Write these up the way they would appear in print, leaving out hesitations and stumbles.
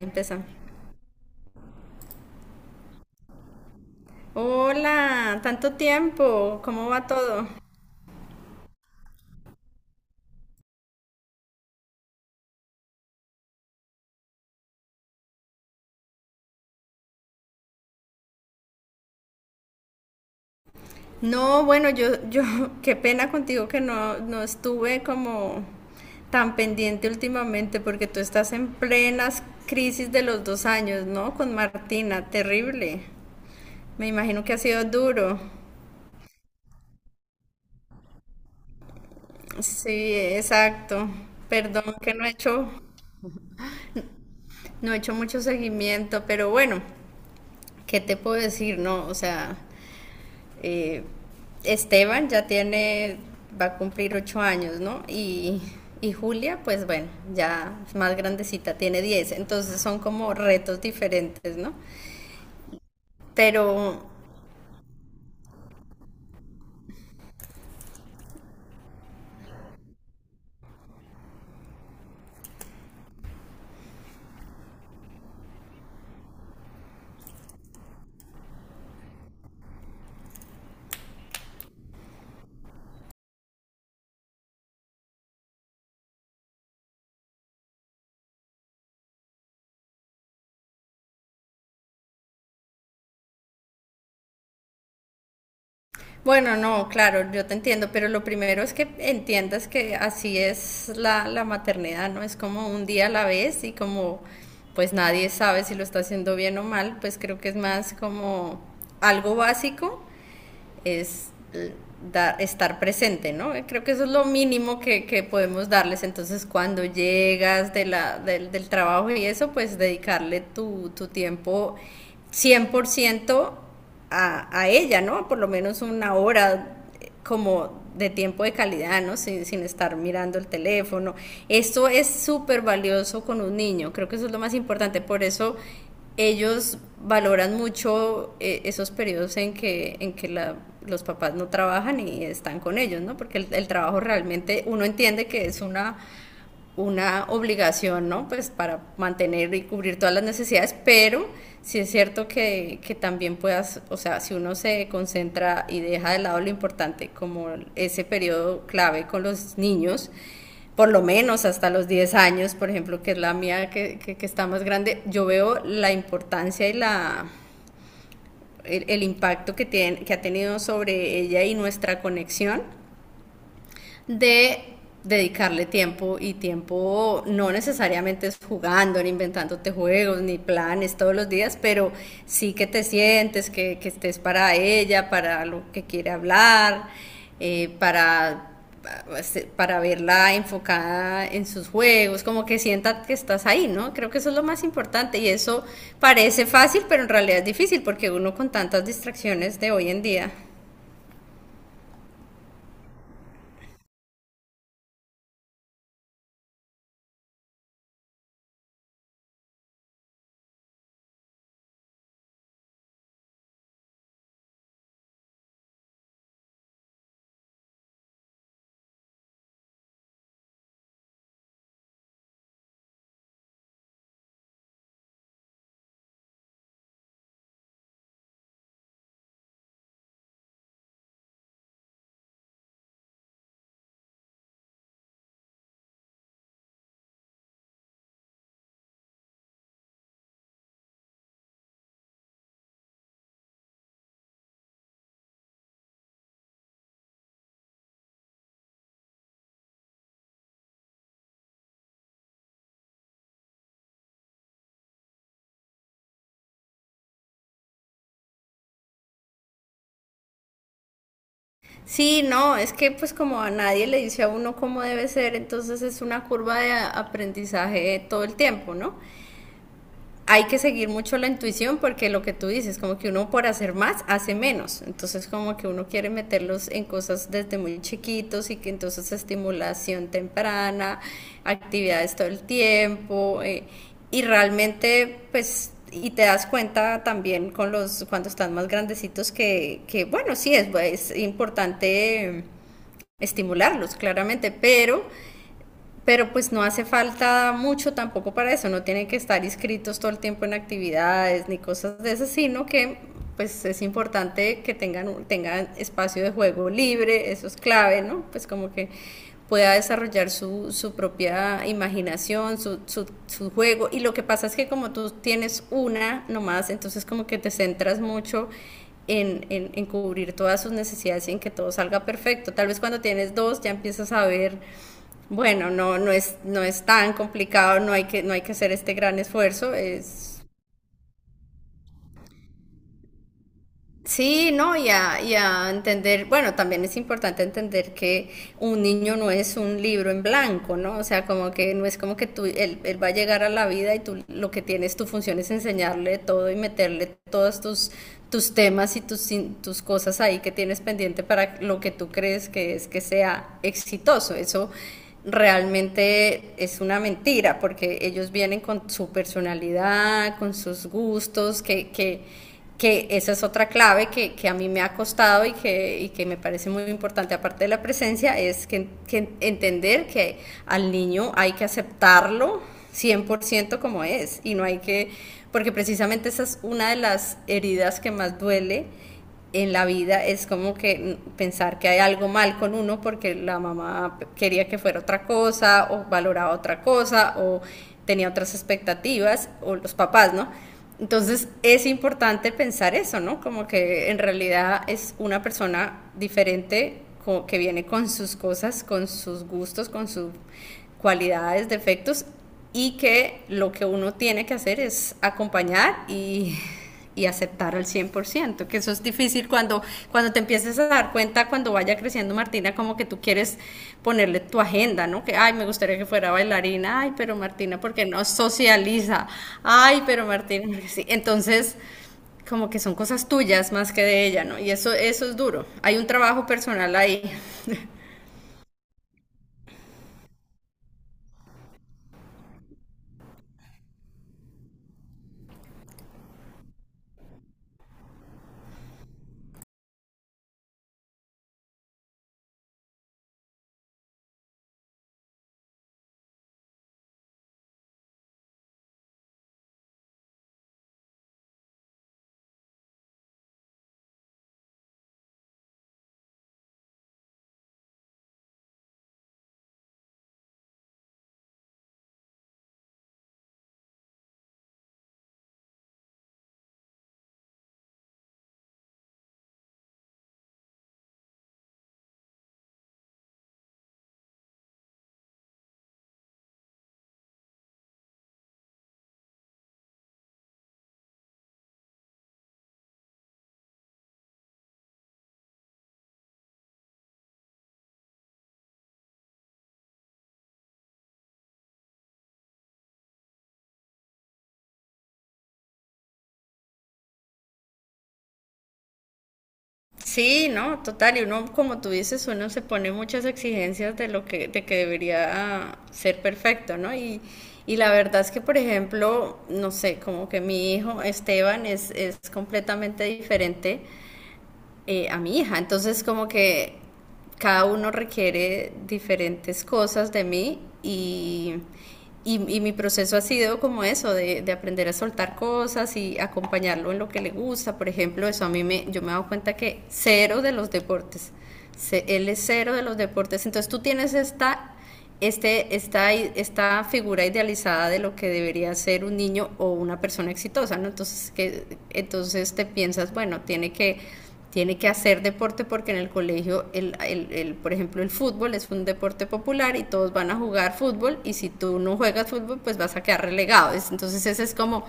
Empezamos. Hola, tanto tiempo, ¿cómo va todo? No, bueno, yo, qué pena contigo que no estuve como tan pendiente últimamente porque tú estás en plenas crisis de los 2 años, ¿no? Con Martina, terrible. Me imagino que ha sido duro. Sí, exacto. Perdón que no he hecho mucho seguimiento, pero bueno, ¿qué te puedo decir? No, o sea. Eh, Esteban ya va a cumplir 8 años, ¿no? Y Julia, pues bueno, ya es más grandecita, tiene 10, entonces son como retos diferentes, ¿no? Pero bueno, no, claro, yo te entiendo, pero lo primero es que entiendas que así es la maternidad, ¿no? Es como un día a la vez y como pues nadie sabe si lo está haciendo bien o mal, pues creo que es más como algo básico es estar presente, ¿no? Creo que eso es lo mínimo que podemos darles. Entonces, cuando llegas de del trabajo y eso, pues dedicarle tu tiempo 100% a ella, ¿no? Por lo menos una hora, como de tiempo de calidad, ¿no? Sin estar mirando el teléfono. Esto es súper valioso con un niño, creo que eso es lo más importante, por eso ellos valoran mucho esos periodos en que los papás no trabajan y están con ellos, ¿no? Porque el trabajo realmente, uno entiende que es una obligación, ¿no? Pues para mantener y cubrir todas las necesidades, pero sí es cierto que también puedas, o sea, si uno se concentra y deja de lado lo importante, como ese periodo clave con los niños, por lo menos hasta los 10 años, por ejemplo, que es la mía que está más grande, yo veo la importancia y el impacto que ha tenido sobre ella y nuestra conexión de dedicarle tiempo, y tiempo no necesariamente es jugando, ni inventándote juegos, ni planes todos los días, pero sí que te sientes, que estés para ella, para lo que quiere hablar, eh, para, para verla enfocada en sus juegos, como que sienta que estás ahí, ¿no? Creo que eso es lo más importante y eso parece fácil, pero en realidad es difícil porque uno, con tantas distracciones de hoy en día. Sí, no, es que pues como a nadie le dice a uno cómo debe ser, entonces es una curva de aprendizaje todo el tiempo, ¿no? Hay que seguir mucho la intuición porque lo que tú dices, como que uno por hacer más hace menos. Entonces como que uno quiere meterlos en cosas desde muy chiquitos y que entonces estimulación temprana, actividades todo el tiempo, y realmente pues y te das cuenta también con los cuando están más grandecitos que bueno, sí es importante, estimularlos claramente, pero pues no hace falta mucho tampoco para eso, no tienen que estar inscritos todo el tiempo en actividades ni cosas de esas, sino que pues es importante que tengan espacio de juego libre, eso es clave, ¿no? Pues como que pueda desarrollar su, su propia imaginación, su juego. Y lo que pasa es que como tú tienes una nomás, entonces como que te centras mucho en cubrir todas sus necesidades y en que todo salga perfecto. Tal vez cuando tienes dos ya empiezas a ver bueno, no es tan complicado, no hay que hacer este gran esfuerzo, es. Sí, no, y a entender, bueno, también es importante entender que un niño no es un libro en blanco, ¿no? O sea, como que no es como que tú, él va a llegar a la vida y tú lo que tienes, tu función es enseñarle todo y meterle todos tus temas y tus cosas ahí que tienes pendiente para lo que tú crees que es que sea exitoso. Eso realmente es una mentira, porque ellos vienen con su personalidad, con sus gustos, que esa es otra clave a mí me ha costado y que me parece muy importante, aparte de la presencia, es que entender que al niño hay que aceptarlo 100% como es y no hay que, porque precisamente esa es una de las heridas que más duele en la vida, es como que pensar que hay algo mal con uno porque la mamá quería que fuera otra cosa o valoraba otra cosa o tenía otras expectativas, o los papás, ¿no? Entonces es importante pensar eso, ¿no? Como que en realidad es una persona diferente que viene con sus cosas, con sus gustos, con sus cualidades, defectos, y que lo que uno tiene que hacer es acompañar y y aceptar al 100%, que eso es difícil cuando, cuando te empieces a dar cuenta, cuando vaya creciendo Martina, como que tú quieres ponerle tu agenda, ¿no? Que, ay, me gustaría que fuera bailarina, ay, pero Martina, porque no socializa? Ay, pero Martina, sí. Entonces, como que son cosas tuyas más que de ella, ¿no? Y eso es duro. Hay un trabajo personal ahí. Sí, no, total, y uno, como tú dices, uno se pone muchas exigencias de lo de que debería ser perfecto, ¿no? Y la verdad es que, por ejemplo, no sé, como que mi hijo Esteban es completamente diferente, a mi hija. Entonces, como que cada uno requiere diferentes cosas de mí, y mi proceso ha sido como eso, de aprender a soltar cosas y acompañarlo en lo que le gusta. Por ejemplo, eso a mí me, yo me he dado cuenta que cero de los deportes, él es cero de los deportes. Entonces tú tienes esta figura idealizada de lo que debería ser un niño o una persona exitosa, ¿no? Entonces, entonces te piensas, bueno, tiene que hacer deporte porque en el colegio, por ejemplo, el fútbol es un deporte popular y todos van a jugar fútbol, y si tú no juegas fútbol, pues vas a quedar relegado. Entonces esa es como,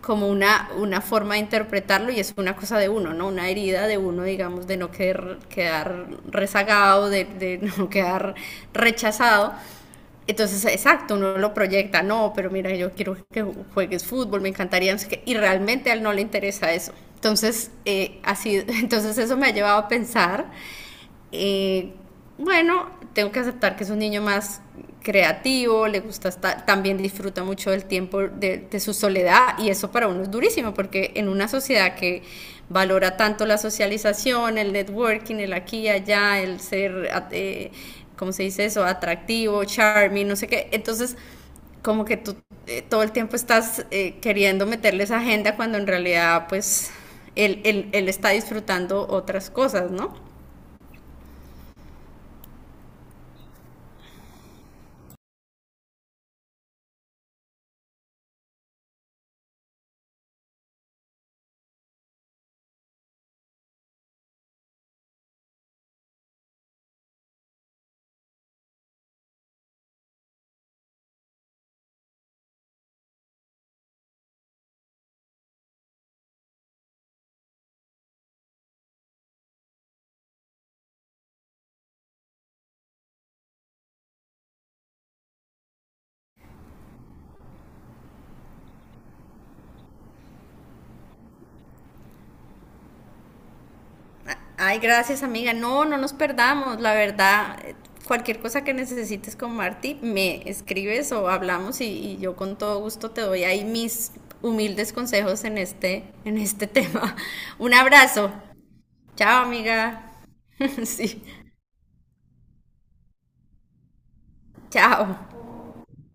como una forma de interpretarlo, y es una cosa de uno, ¿no? Una herida de uno, digamos, de no quedar rezagado, de no quedar rechazado. Entonces, exacto, uno lo proyecta, no, pero mira, yo quiero que juegues fútbol, me encantaría, no sé qué, y realmente a él no le interesa eso. Entonces, así, entonces eso me ha llevado a pensar, eh, bueno, tengo que aceptar que es un niño más creativo, le gusta estar, también disfruta mucho del tiempo su soledad, y eso para uno es durísimo porque en una sociedad que valora tanto la socialización, el networking, el aquí y allá, el ser, ¿cómo se dice eso? Atractivo, charming, no sé qué, entonces como que tú todo el tiempo estás queriendo meterle esa agenda cuando en realidad pues él está disfrutando otras cosas, ¿no? Ay, gracias amiga. No, no nos perdamos. La verdad, cualquier cosa que necesites con Marti, me escribes o hablamos, y yo con todo gusto te doy ahí mis humildes consejos en en este tema. Un abrazo. Chao amiga. Sí, chao.